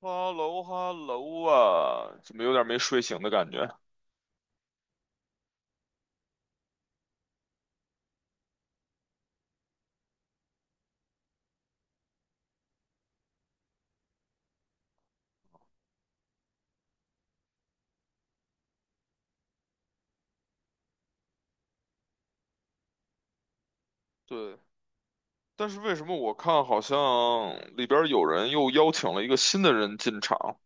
哈喽哈喽啊，怎么有点没睡醒的感觉？对，但是为什么我看好像里边有人又邀请了一个新的人进场？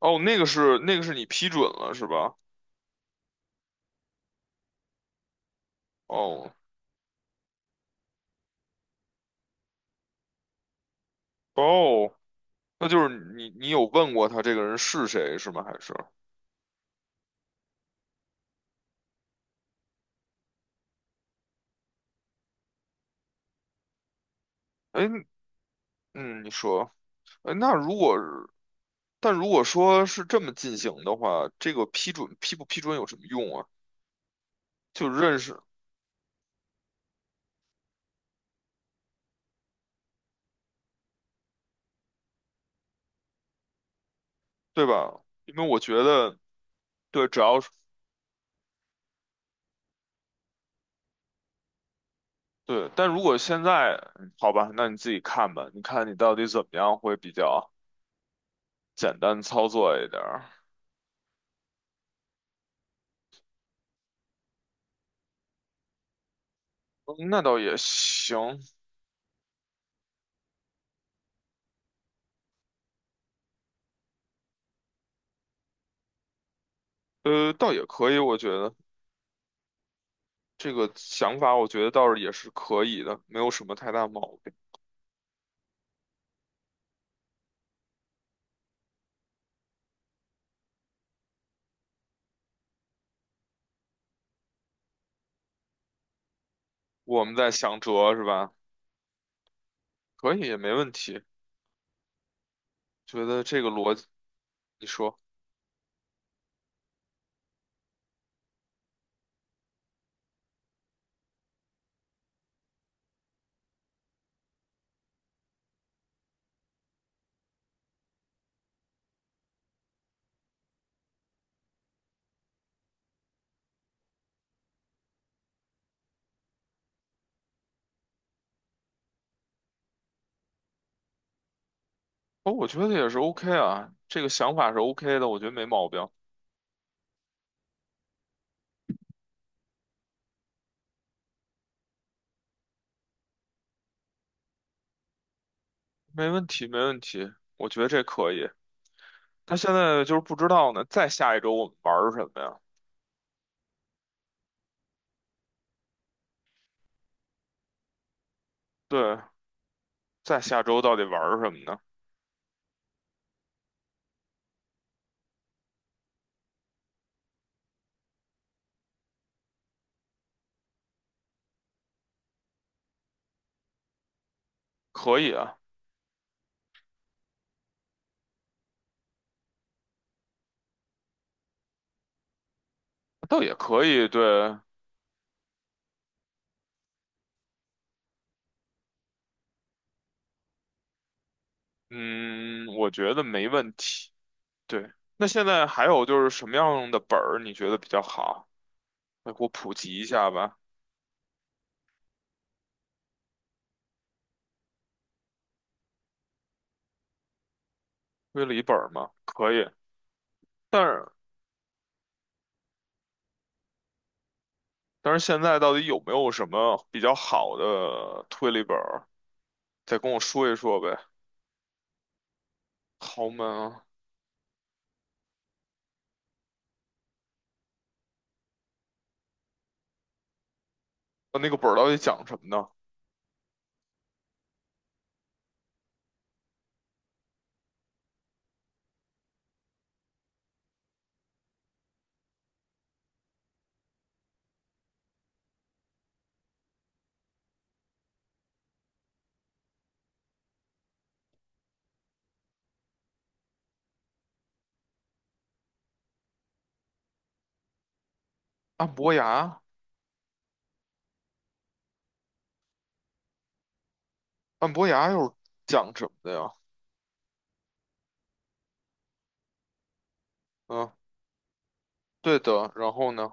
哦，那个是你批准了是吧？哦哦，那就是你有问过他这个人是谁是吗？还是？哎，嗯，你说，哎，那如果是但如果说是这么进行的话，这个批准批不批准有什么用啊？就认识，对吧？因为我觉得，对，只要是。对，但如果现在，嗯好吧，那你自己看吧，你看你到底怎么样会比较简单操作一点儿。嗯那倒也行，倒也可以，我觉得这个想法，我觉得倒是也是可以的，没有什么太大毛病。我们在想辙是吧？可以，也没问题。觉得这个逻辑，你说，哦，我觉得也是 OK 啊，这个想法是 OK 的，我觉得没毛病，没问题，没问题，我觉得这可以。他现在就是不知道呢，再下一周我们玩儿什么呀？对，在下周到底玩儿什么呢？可以啊，倒也可以。对，嗯，我觉得没问题。对，那现在还有就是什么样的本儿你觉得比较好？来给我普及一下吧。推理本儿吗？可以，但是但是现在到底有没有什么比较好的推理本儿？再跟我说一说呗。豪门啊，呃那个本儿到底讲什么呢？按伯牙，按伯牙又是讲什么的呀？嗯，对的。然后呢？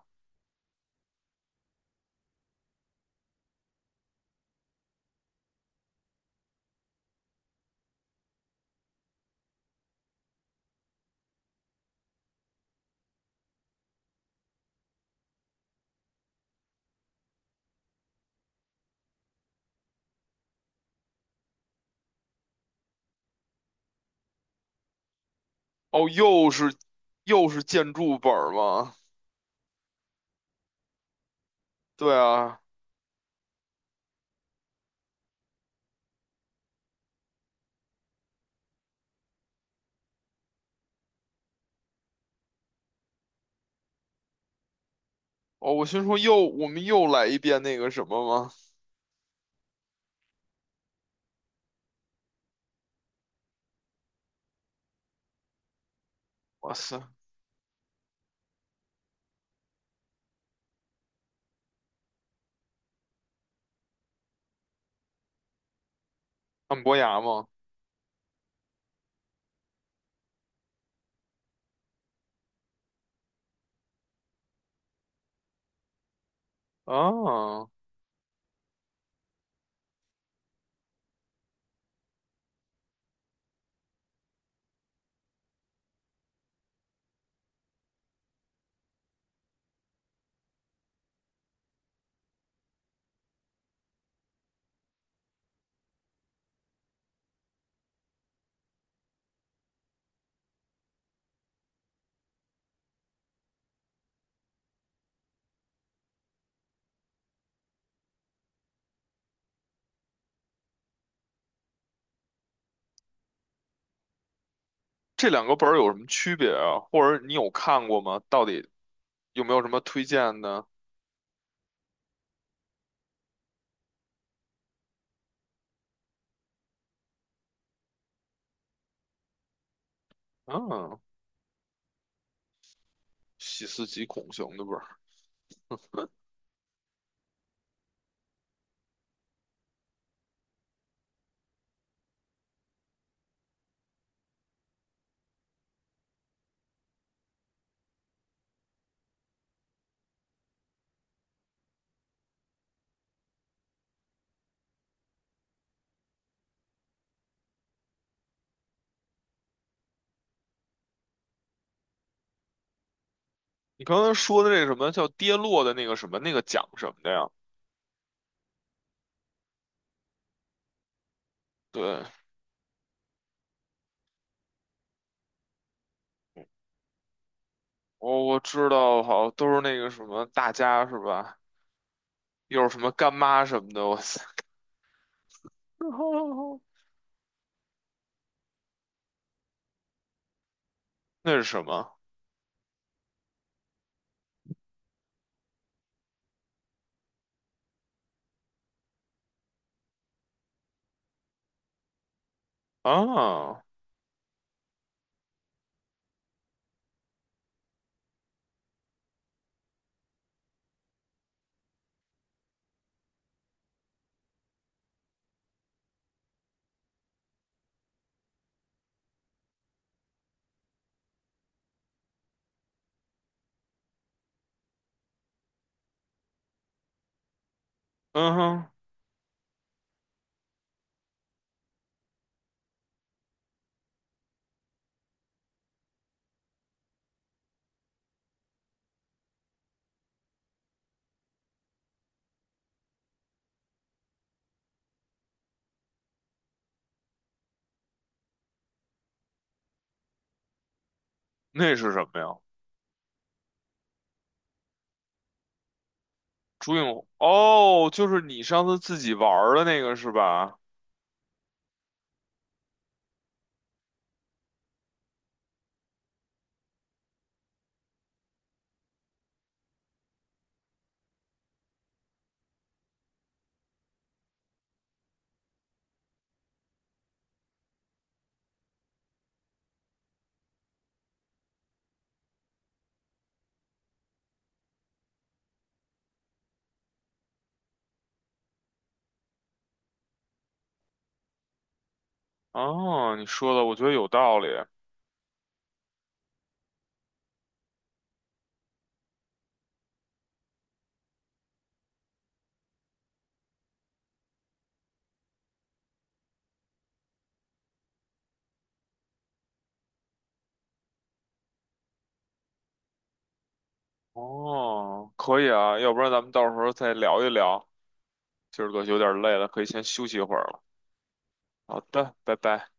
哦，又是建筑本儿吗？对啊，哦，我心说又我们又来一遍那个什么吗？哇塞，按伯牙吗？啊，这两个本儿有什么区别啊？或者你有看过吗？到底有没有什么推荐的？嗯，细思极恐型的本儿。你刚才说的那什么叫跌落的那个什么那个奖什么的呀？对，我知道，好，都是那个什么大家是吧？又是什么干妈什么的，哇塞，那是什么？啊，嗯哼，那是什么呀？朱影红，哦，就是你上次自己玩儿的那个是吧？哦，你说的我觉得有道理。哦，可以啊，要不然咱们到时候再聊一聊。今儿个有点累了，可以先休息一会儿了。好的，拜拜。